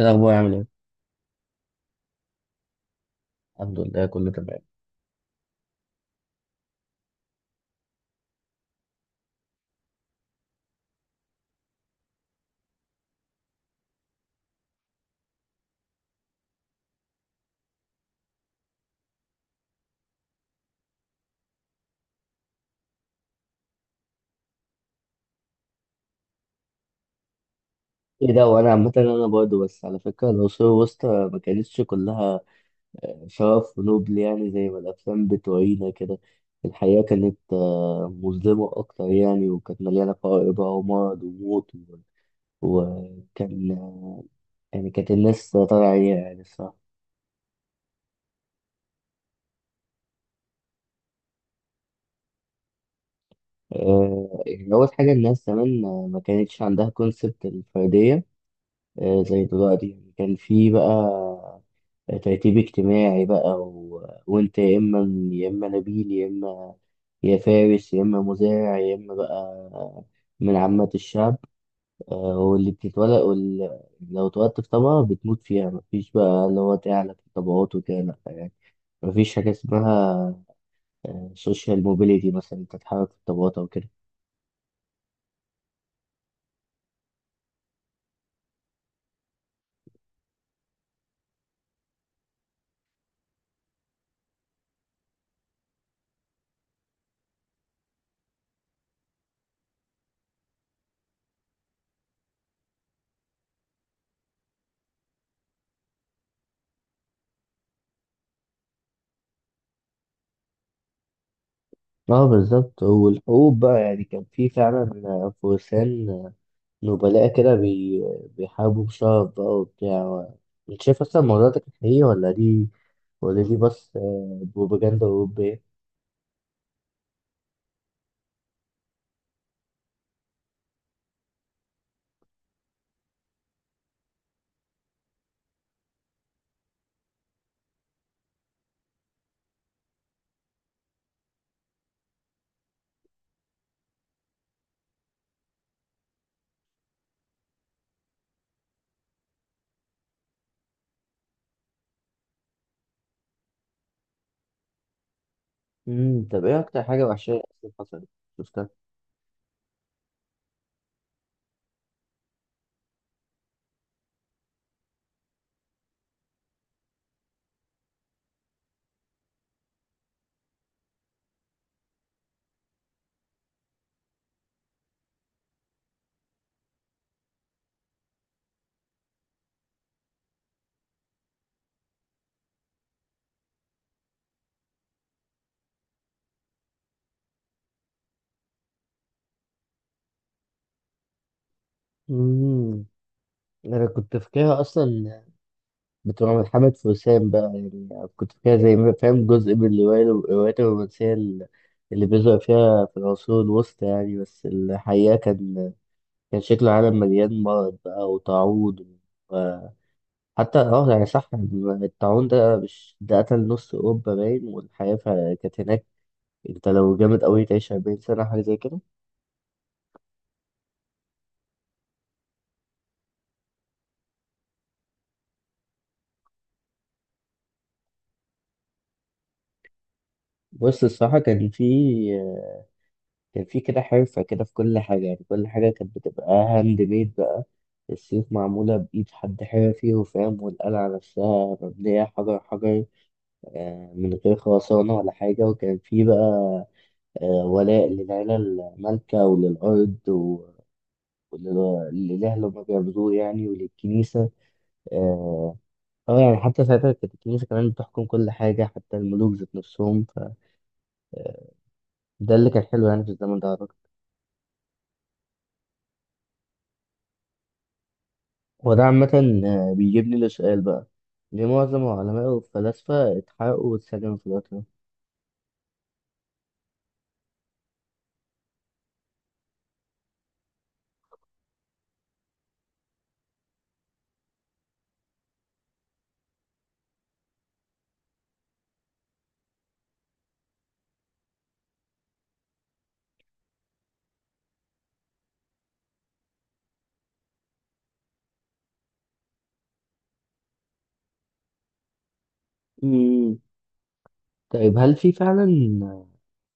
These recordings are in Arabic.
إيه الأخبار عامل إيه؟ الحمد لله كله تمام. إيه ده وأنا عامة أنا برضه، بس على فكرة العصور الوسطى ما كانتش كلها شرف ونبل، يعني زي ما الأفلام بتورينا كده. الحياة كانت مظلمة أكتر يعني، وكانت مليانة فقر بقى ومرض وموت وكان آه، يعني كانت الناس طالعة عليها يعني الصراحة. يعني أول حاجة الناس زمان ما كانتش عندها كونسبت الفردية زي دلوقتي، يعني كان في بقى ترتيب اجتماعي بقى وانت يا اما، يا اما نبيل، يا اما يا فارس، يا اما مزارع، يا اما بقى من عامة الشعب. واللي بتتولد لو اتولدت في طبقة بتموت فيها، مفيش بقى اللي هو تعلى في الطبقات وكده، لأ يعني. مفيش حاجة اسمها سوشيال موبيليتي مثلا انت تتحرك في الطبقات او كده. اه بالظبط، والحقوق بقى يعني كان في فعلا فرسان نبلاء كده بيحاربوا بشرف بقى وبتاع. انت شايف اصلا الموضوع ده كان حقيقي، ولا دي بس بروباجندا أوروبية؟ طب ايه أكتر حاجة وحشية أصلا حصلت؟ شفتها؟ امم أنا كنت فاكرها أصلا بتبقى من محمد فرسان بقى يعني. كنت فاكرها زي ما فاهم جزء من الروايات الرومانسية اللي بيظهر فيها في العصور الوسطى يعني. بس الحقيقة كان شكل العالم مليان مرض بقى وتعوض. حتى يعني صح، الطاعون ده مش ده قتل نص اوروبا باين، والحياه كانت هناك. انت لو جامد قوي تعيش 40 سنه حاجه زي كده. بص الصراحه كان في كده حرفه كده في كل حاجه، يعني كل حاجه كانت بتبقى هاند ميد بقى. السيوف معموله بايد حد حرفي وفاهم، والقلعه نفسها مبنيه حجر حجر من غير خرسانه ولا حاجه. وكان في بقى ولاء للعيله المالكه وللارض للإله اللي هما بيعبدوه يعني، وللكنيسة. اه يعني حتى ساعتها كانت الكنيسة كمان بتحكم كل حاجة، حتى الملوك ذات نفسهم، فده اللي كان حلو يعني في الزمن ده أعتقد. وده عامة بيجيبني لسؤال بقى، ليه معظم العلماء والفلاسفة اتحرقوا واتسجنوا في الوقت ده؟ مم. طيب هل في فعلا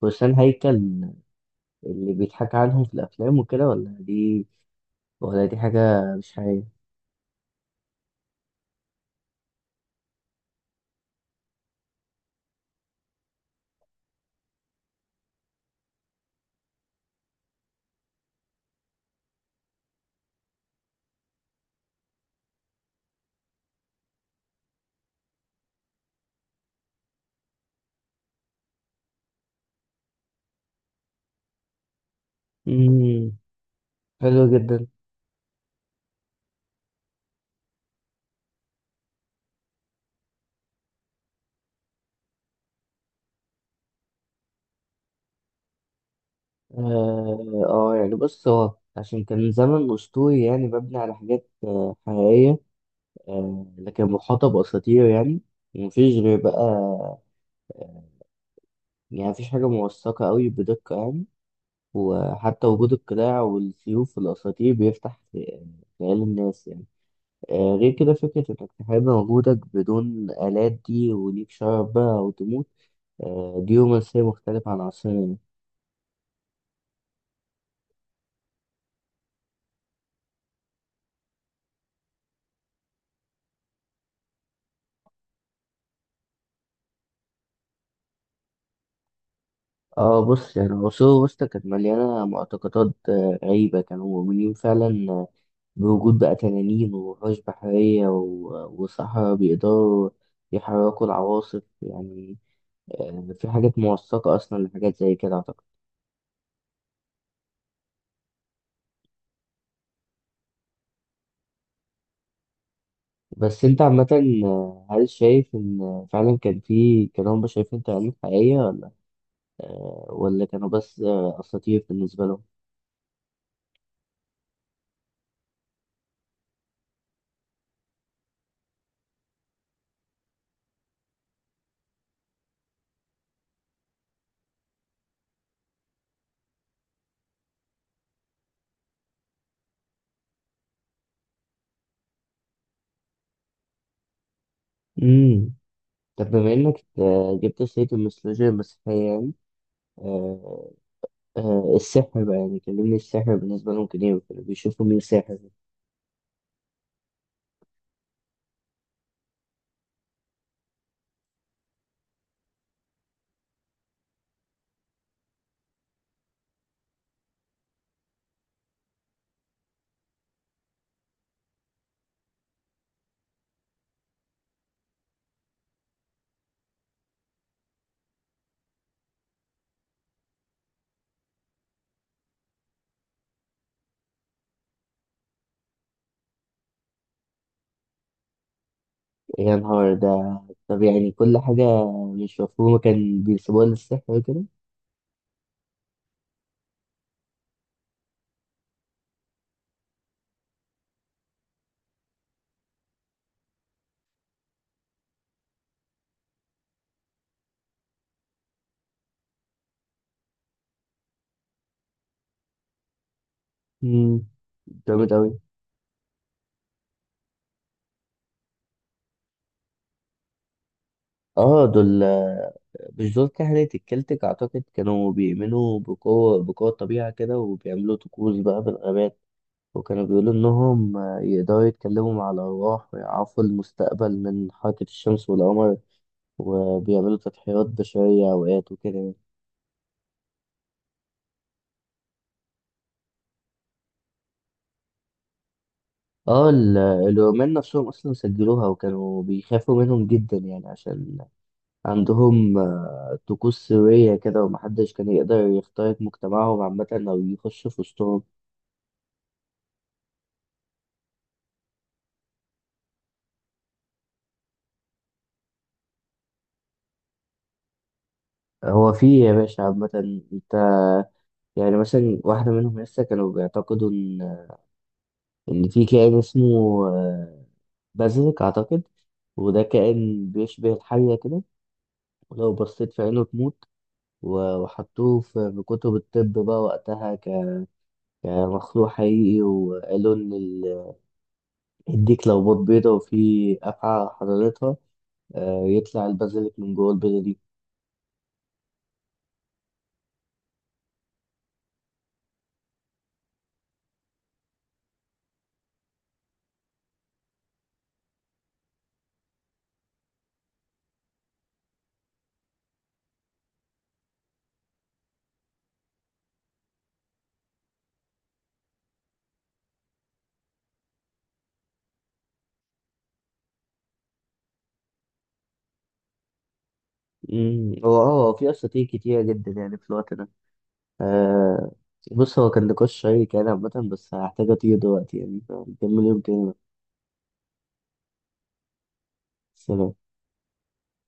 فرسان هيكل اللي بيتحكى عنهم في الأفلام وكده، ولا دي حاجة مش حقيقية؟ مم. حلو جدا. يعني بص، هو عشان كان زمن أسطوري يعني مبني على حاجات حقيقية لكن محاطة بأساطير يعني، ومفيش غير بقى آه، يعني مفيش حاجة موثقة أوي بدقة يعني. وحتى وجود القلاع والسيوف والأساطير بيفتح خيال الناس يعني. غير كده فكرة إنك تحارب وجودك بدون آلات، دي وليك شرف بقى أو تموت، دي رومانسية مختلفة عن عصرنا يعني. اه بص، يعني العصور الوسطى كانت مليانة معتقدات غريبة، كانوا مؤمنين فعلا بوجود بقى تنانين ووحوش بحرية وصحراء بيقدروا يحركوا العواصف يعني. في حاجات موثقة أصلا لحاجات زي كده أعتقد. بس أنت عامة، هل شايف إن فعلا كان هم شايفين تنانين حقيقية، ولا ولا كانوا بس أساطير بالنسبة لهم؟ مم. طب بما إنك جبت سيرة الميثولوجيا المسيحية يعني، آه، السحر بقى، يعني كلمني السحر بالنسبة لهم كان إيه، وكانوا بيشوفوا مين ساحر؟ يا نهار ده. طب يعني كل حاجة مش مفهومة كان بيسيبوها للسحر وكده. مم، جامد أوي. اه دول، مش دول كهنة الكلتك أعتقد، كانوا بيؤمنوا بقوة الطبيعة كده وبيعملوا طقوس بقى بالغابات، وكانوا بيقولوا إنهم يقدروا يتكلموا مع الأرواح ويعرفوا المستقبل من حركة الشمس والقمر، وبيعملوا تضحيات بشرية أوقات وكده يعني. اه الرومان نفسهم أصلا سجلوها، وكانوا بيخافوا منهم جدا يعني عشان عندهم طقوس سرية كده، ومحدش كان يقدر يخترق مجتمعهم عامة أو يخش في وسطهم. هو في يا باشا عامة، أنت يعني مثلا واحدة منهم لسه كانوا بيعتقدوا إن في كائن اسمه بازلك أعتقد، وده كائن بيشبه الحية كده، ولو بصيت في عينه تموت. وحطوه في كتب الطب بقى وقتها كمخلوق حقيقي، وقالوا إن الديك لو بيضة وفي أفعى حضارتها يطلع البازiliك من جوه البيضة دي. مم. هو في أساطير كتيرة جدا يعني في الوقت ده. آه بص، هو كان نقاش شيق يعني عامة، بس هحتاج أطير دلوقتي يعني، فنكمل يوم تاني بقى. سلام.